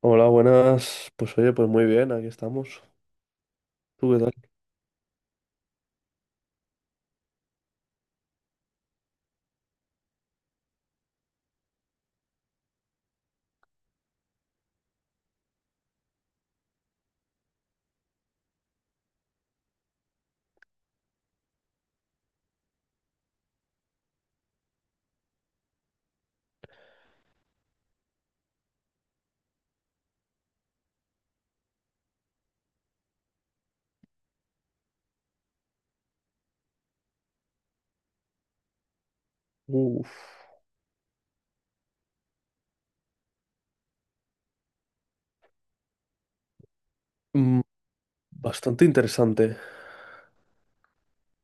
Hola, buenas. Pues oye, pues muy bien, aquí estamos. ¿Tú qué tal? Uf. Mm, bastante interesante.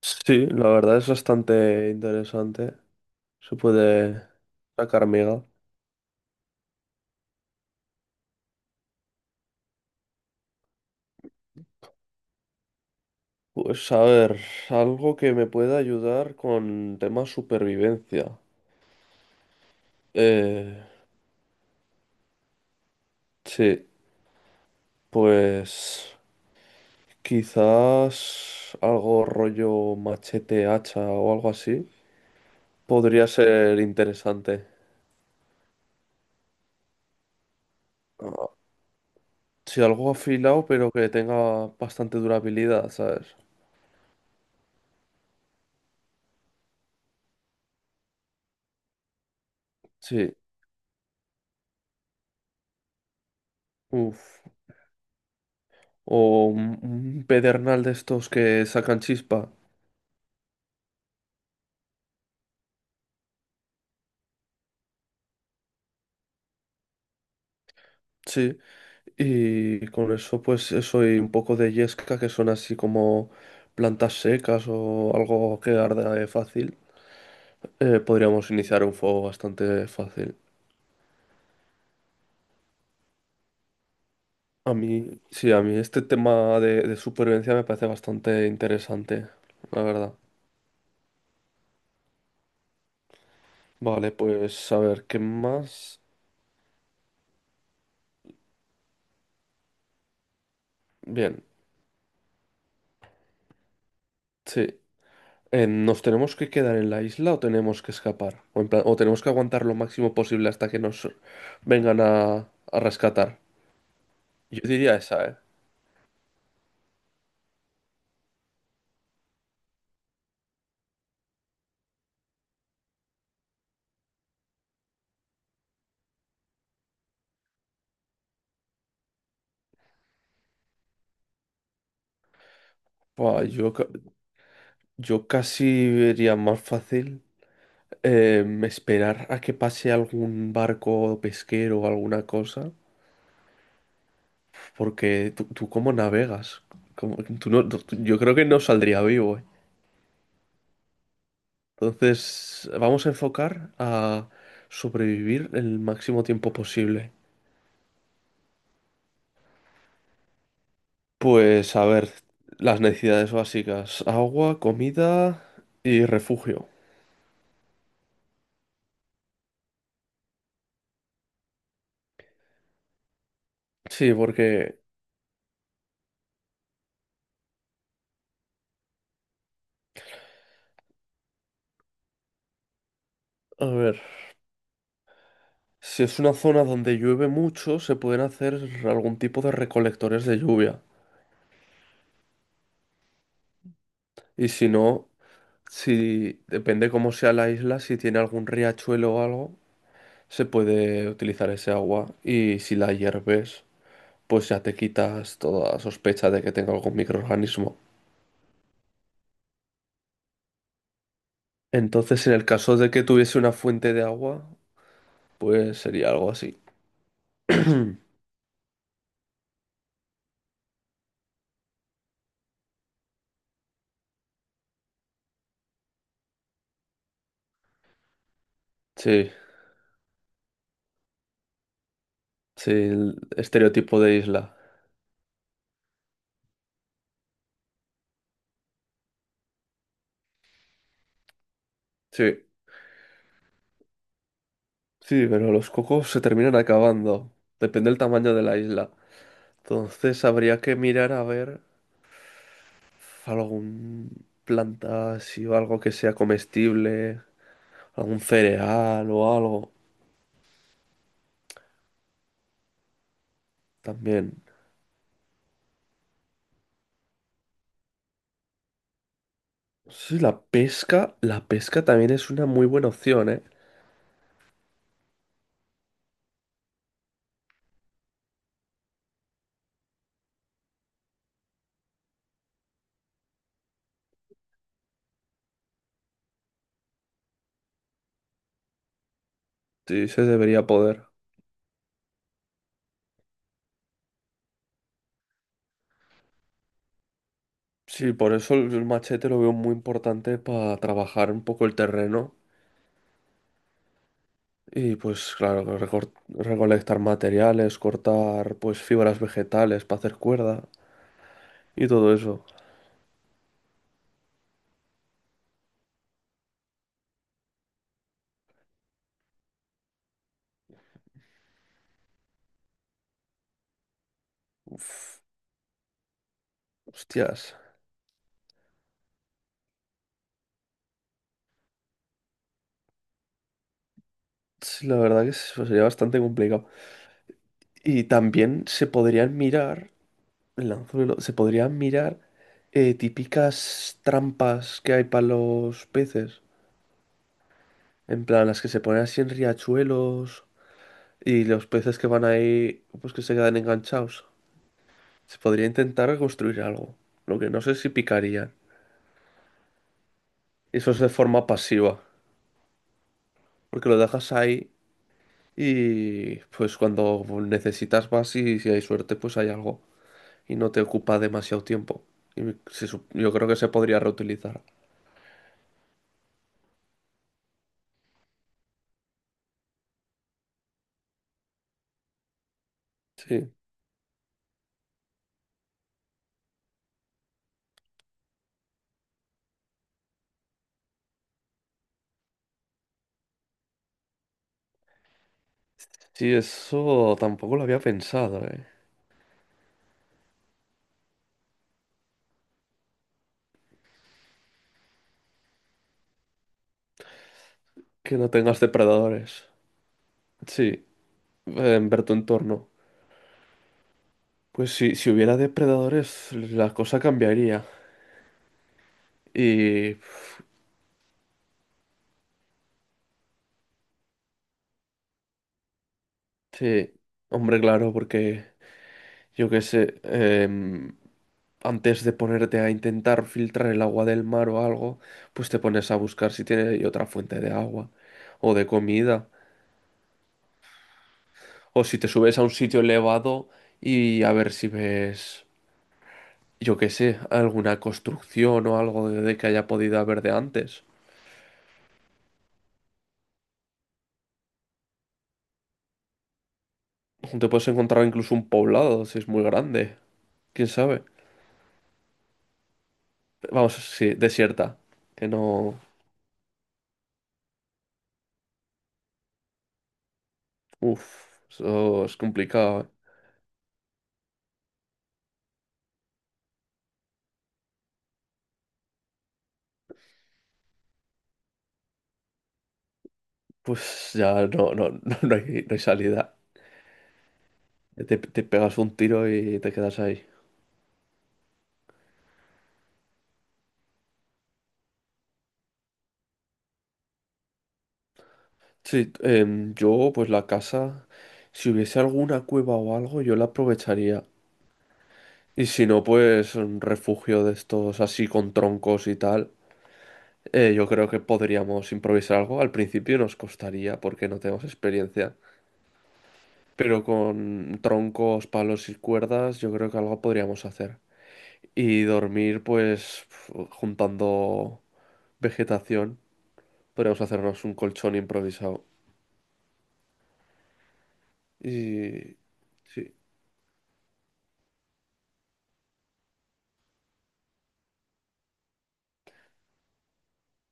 Sí, la verdad es bastante interesante. Se puede sacar miga. Pues a ver, algo que me pueda ayudar con temas supervivencia. Eh, sí, pues quizás algo rollo machete, hacha o algo así. Podría ser interesante. Sí, algo afilado, pero que tenga bastante durabilidad, ¿sabes? Sí, uff. O un pedernal de estos que sacan chispa. Sí. Y con eso, pues eso y un poco de yesca, que son así como plantas secas o algo que arde fácil. Podríamos iniciar un fuego bastante fácil. A mí este tema de supervivencia me parece bastante interesante, la verdad. Vale, pues a ver, ¿qué más? Bien, sí. ¿Nos tenemos que quedar en la isla o tenemos que escapar? O, o tenemos que aguantar lo máximo posible hasta que nos vengan a rescatar. Yo diría esa, ¿eh? Buah, yo casi vería más fácil esperar a que pase algún barco pesquero o alguna cosa. Porque tú ¿cómo navegas? ¿Cómo- tú no- tú- Yo creo que no saldría vivo, ¿eh? Entonces, vamos a enfocar a sobrevivir el máximo tiempo posible. Pues a ver, las necesidades básicas: agua, comida y refugio. Sí, a ver, si es una zona donde llueve mucho, se pueden hacer algún tipo de recolectores de lluvia. Y si no, si depende cómo sea la isla, si tiene algún riachuelo o algo, se puede utilizar ese agua. Y si la hierves, pues ya te quitas toda sospecha de que tenga algún microorganismo. Entonces, en el caso de que tuviese una fuente de agua, pues sería algo así. Sí, sí, el estereotipo de isla. Sí, sí, pero los cocos se terminan acabando. Depende del tamaño de la isla. Entonces habría que mirar a ver algún planta, si o algo que sea comestible, algún cereal o algo también. Sí, la pesca también es una muy buena opción, ¿eh? Sí, se debería poder. Sí, por eso el machete lo veo muy importante para trabajar un poco el terreno. Y pues claro, recolectar materiales, cortar pues fibras vegetales para hacer cuerda y todo eso. Uf, hostias. Sí, la verdad que eso sería bastante complicado. Y también el anzuelo, se podrían mirar típicas trampas que hay para los peces. En plan, las que se ponen así en riachuelos y los peces que van ahí, pues que se quedan enganchados. Se podría intentar construir algo, lo que no sé si picarían. Eso es de forma pasiva, porque lo dejas ahí y pues cuando necesitas vas y si hay suerte pues hay algo y no te ocupa demasiado tiempo. Y yo creo que se podría reutilizar. Sí, sí, eso tampoco lo había pensado, ¿eh? Que no tengas depredadores. Sí, en ver tu entorno. Pues sí, si hubiera depredadores, la cosa cambiaría. Y sí, hombre, claro, porque yo qué sé, antes de ponerte a intentar filtrar el agua del mar o algo, pues te pones a buscar si tiene ahí otra fuente de agua o de comida. O si te subes a un sitio elevado y a ver si ves, yo qué sé, alguna construcción o algo de que haya podido haber de antes. Te puedes encontrar incluso un poblado si es muy grande. ¿Quién sabe? Vamos, sí, desierta. Que no... Uf, eso es complicado, ¿eh? Pues ya no, no, no, hay, no hay salida. Te pegas un tiro y te quedas ahí. Sí, yo pues la casa, si hubiese alguna cueva o algo, yo la aprovecharía. Y si no, pues un refugio de estos así con troncos y tal. Yo creo que podríamos improvisar algo. Al principio nos costaría porque no tenemos experiencia. Pero con troncos, palos y cuerdas, yo creo que algo podríamos hacer. Y dormir, pues juntando vegetación, podríamos hacernos un colchón improvisado. Y sí,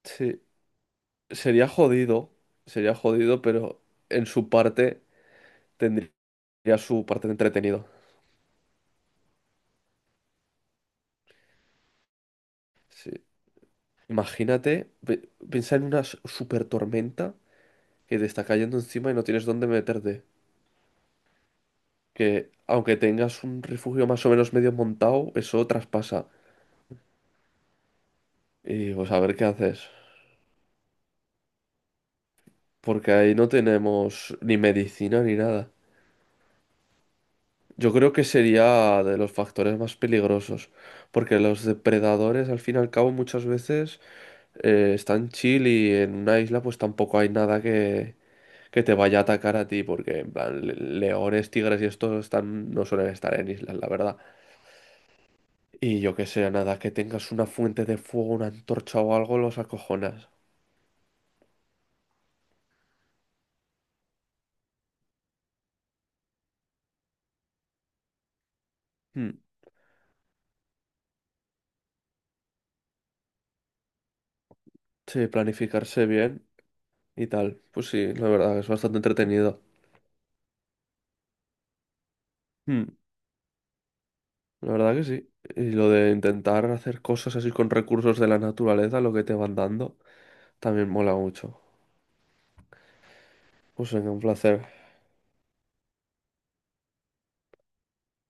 sí, sería jodido, sería jodido, pero en su parte tendría su parte de entretenido. Sí. Imagínate, piensa en una super tormenta que te está cayendo encima y no tienes dónde meterte. Que aunque tengas un refugio más o menos medio montado, eso traspasa. Y pues a ver qué haces. Porque ahí no tenemos ni medicina ni nada. Yo creo que sería de los factores más peligrosos, porque los depredadores al fin y al cabo muchas veces están chill y en una isla pues tampoco hay nada que te vaya a atacar a ti, porque en plan leones, tigres y estos están, no suelen estar en islas, la verdad. Y yo que sé, nada, que tengas una fuente de fuego, una antorcha o algo, los acojonas. Hmm. Sí, planificarse bien y tal. Pues sí, la verdad es bastante entretenido. Hmm. La verdad que sí. Y lo de intentar hacer cosas así con recursos de la naturaleza, lo que te van dando, también mola mucho. Pues venga, un placer.